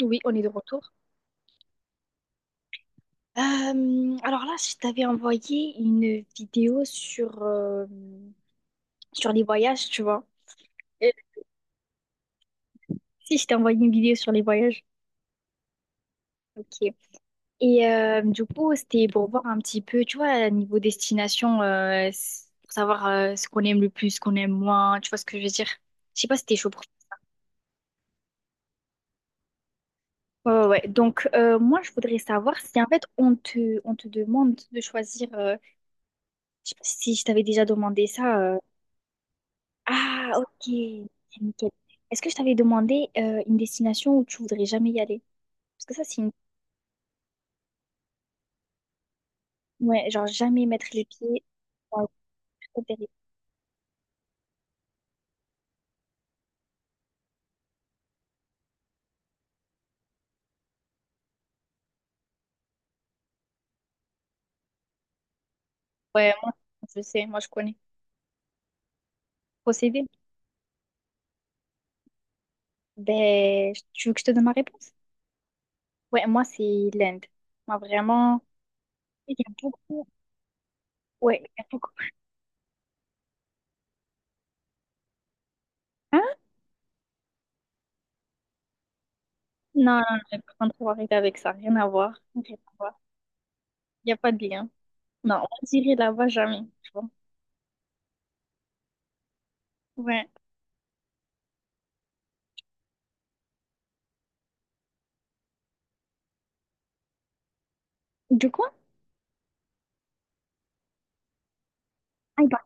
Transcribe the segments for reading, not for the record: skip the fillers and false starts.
Oui, on est de retour. Euh, alors là, je t'avais envoyé une vidéo sur, sur les voyages, tu vois. Euh, Si, je t'ai envoyé une vidéo sur les voyages. Ok. Et du coup, c'était pour voir un petit peu, tu vois, niveau destination, pour savoir ce qu'on aime le plus, ce qu'on aime moins, tu vois ce que je veux dire. Je sais pas si t'es chaud pour... Ouais, ouais, ouais. Donc, moi, je voudrais savoir si, en fait, on te demande de choisir... je sais pas si je t'avais déjà demandé ça. Ah, ok. Nickel. Est-ce que je t'avais demandé une destination où tu voudrais jamais y aller? Parce que ça, c'est une... Ouais, genre jamais mettre les pieds dans le plateau d'Arica. Ouais, moi, je sais, moi, je connais. Procéder. Ben, tu veux que je te donne ma réponse? Ouais, moi, c'est l'Inde. Moi, vraiment, il y a beaucoup... Ouais, il y a beaucoup... Hein? Non, non, non, par contre, faut arrêter avec ça. Rien à voir. Rien à voir. Il n'y a pas de lien. Non, on dirait là-bas jamais. Tu vois. Ouais. De quoi? Ah, il parle.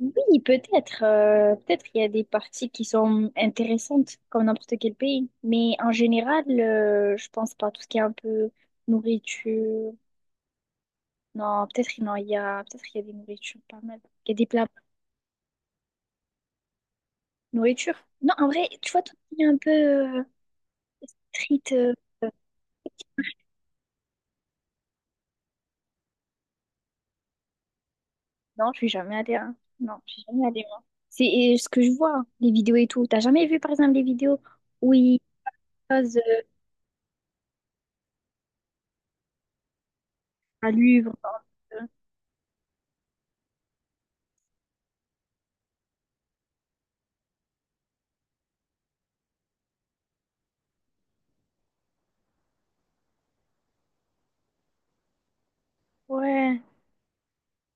Oui, peut-être. Peut-être il y a des parties qui sont intéressantes, comme n'importe quel pays. Mais en général, je pense pas. Tout ce qui est un peu nourriture. Non, peut-être non, il y a, peut-être il y a des nourritures pas mal. Il y a des plats nourriture. Non, en vrai, tu vois, tout ce qui est un peu euh, street. Euh, non, je suis jamais allée, hein. Non, je suis jamais allée, moi. C'est ce que je vois, les vidéos et tout. T'as jamais vu, par exemple, les vidéos où ils posent un livre? euh, Ouais.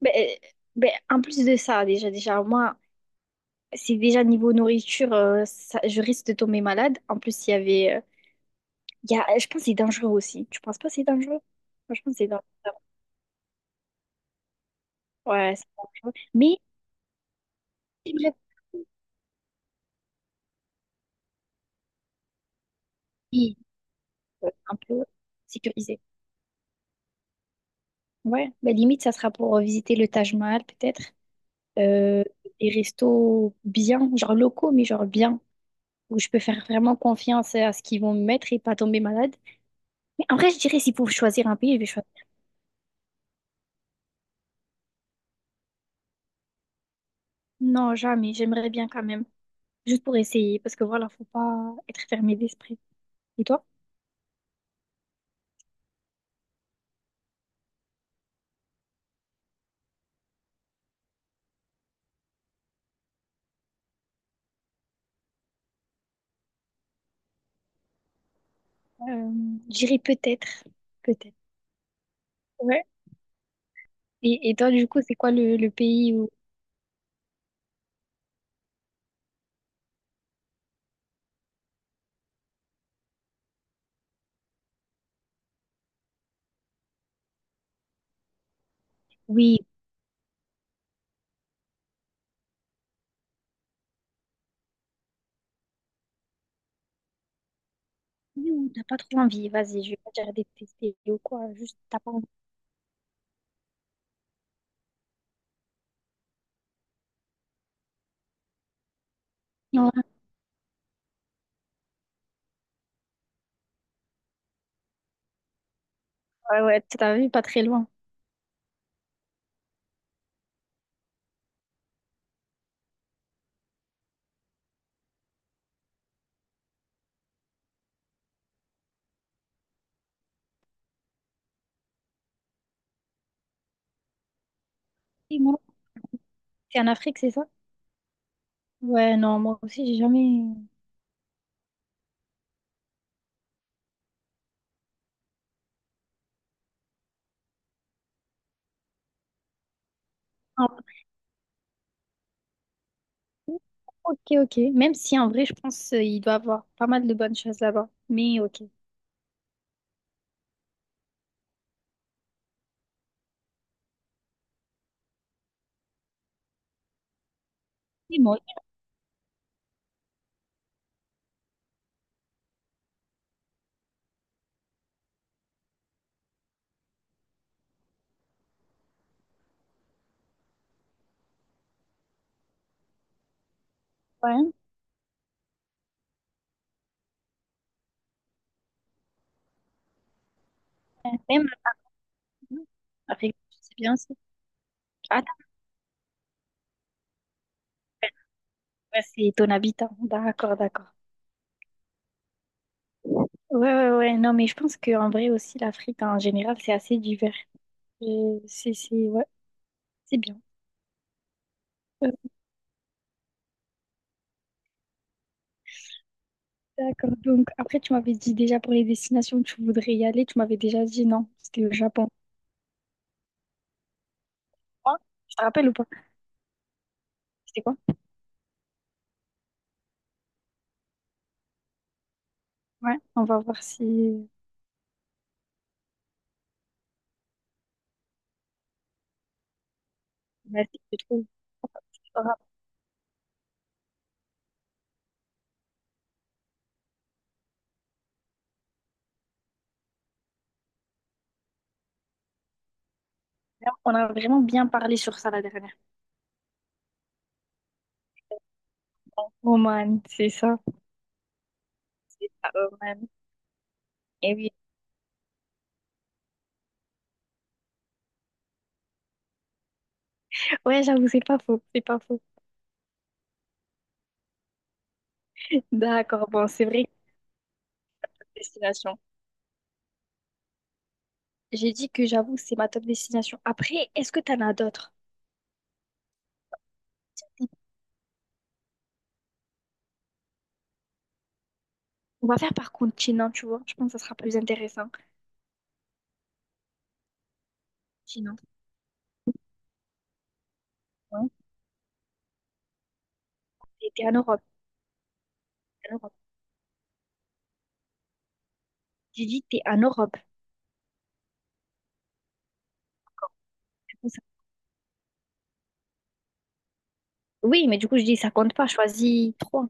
Ben, en plus de ça, déjà, moi, c'est déjà niveau nourriture, je risque de tomber malade. En plus, il y avait. Il y a, je pense que c'est dangereux aussi. Tu penses pas que c'est dangereux? Franchement, c'est dangereux. Ouais, c'est dangereux. Mais j'aimerais oui, un peu sécurisé. Ouais, ben, limite, ça sera pour visiter le Taj Mahal, peut-être. Euh, des restos bien, genre locaux, mais genre bien, où je peux faire vraiment confiance à ce qu'ils vont me mettre et pas tomber malade. Mais en vrai, je dirais, s'il faut choisir un pays, je vais choisir. Non, jamais. J'aimerais bien quand même. Juste pour essayer, parce que voilà, faut pas être fermé d'esprit. Et toi? Euh, J'irai peut-être. Peut-être. Ouais. Et toi, du coup, c'est quoi le pays où... Oui, oui, où t'as pas trop envie. Vas-y, je vais pas dire détester ou quoi. Juste, t'as pas envie. Ouais, ouais, ouais, t'as vu, pas très loin. Et moi, c'est en Afrique, c'est ça? Ouais, non, moi aussi, j'ai jamais. Ah, ok, ok. Même si en vrai, je pense il doit avoir pas mal de bonnes choses là-bas. Mais ok. C'est moi, ouais. Même avec, c'est bien ça. Attends, ouais, c'est ton habitant. D'accord, d'accord. Ouais, ouais, ouais. Non, mais je pense qu'en vrai aussi, l'Afrique en général, c'est assez divers. C'est ouais, c'est bien. Euh, d'accord. Donc, après, tu m'avais dit déjà pour les destinations où tu voudrais y aller, tu m'avais déjà dit non, c'était le Japon. Ah, tu te rappelles ou pas? C'était quoi? Ouais, on va voir si, bah, si je trouve. On a vraiment bien parlé sur ça la dernière fois. Oman, c'est ça. C'est ça, Oman. Et oui. Ouais, j'avoue, c'est pas faux. C'est pas faux. D'accord, bon, c'est vrai que c'est une destination. J'ai dit que j'avoue, c'est ma top destination. Après, est-ce que t'en as d'autres? On va faire par continent, tu vois. Je pense que ça sera plus intéressant. Continent, hein. Et t'es en Europe. T'es en Europe. J'ai dit t'es en Europe. Du coup, ça- Oui, mais du coup, je dis ça compte pas. Choisis trois.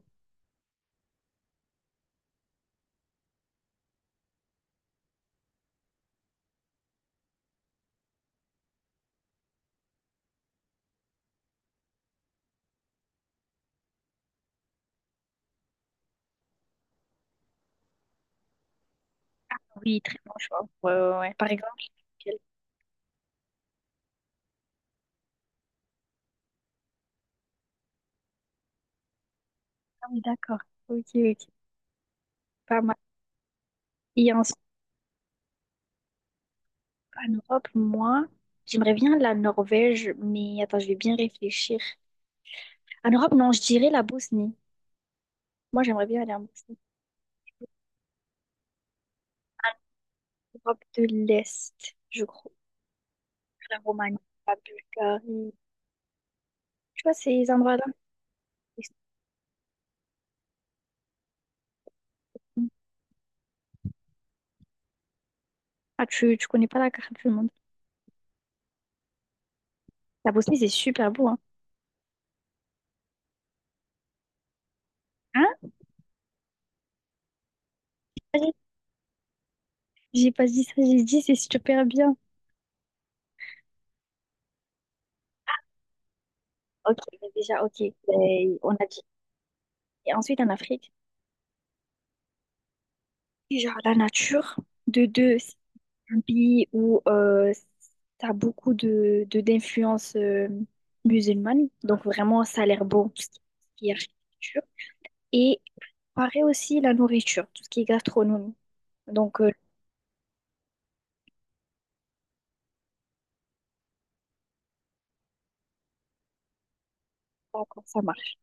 Oui, très bon choix. Ouais, ouais, ouais. Par exemple, ah oui, d'accord. Ok, ok. Pas mal. Et ensuite, en Europe, moi, j'aimerais bien la Norvège, mais attends, je vais bien réfléchir. En Europe, non, je dirais la Bosnie. Moi, j'aimerais bien aller en Bosnie. Europe de l'Est, je crois. La Roumanie, la Bulgarie. Tu vois, ces endroits-là. Ah, tu connais pas la carte du monde. La Bosnie, c'est super beau, hein. Hein? Vas-y. J'ai pas dit ça, j'ai dit c'est super bien. Ok, mais déjà, ok. Ben, on a dit. Et ensuite, en Afrique, genre la nature, de deux. Pays où ça a beaucoup de d'influence musulmane. Donc vraiment, ça a l'air beau, tout ce qui est architecture. Et pareil aussi la nourriture, tout ce qui est gastronomie. Donc, je sais pas comment ça marche.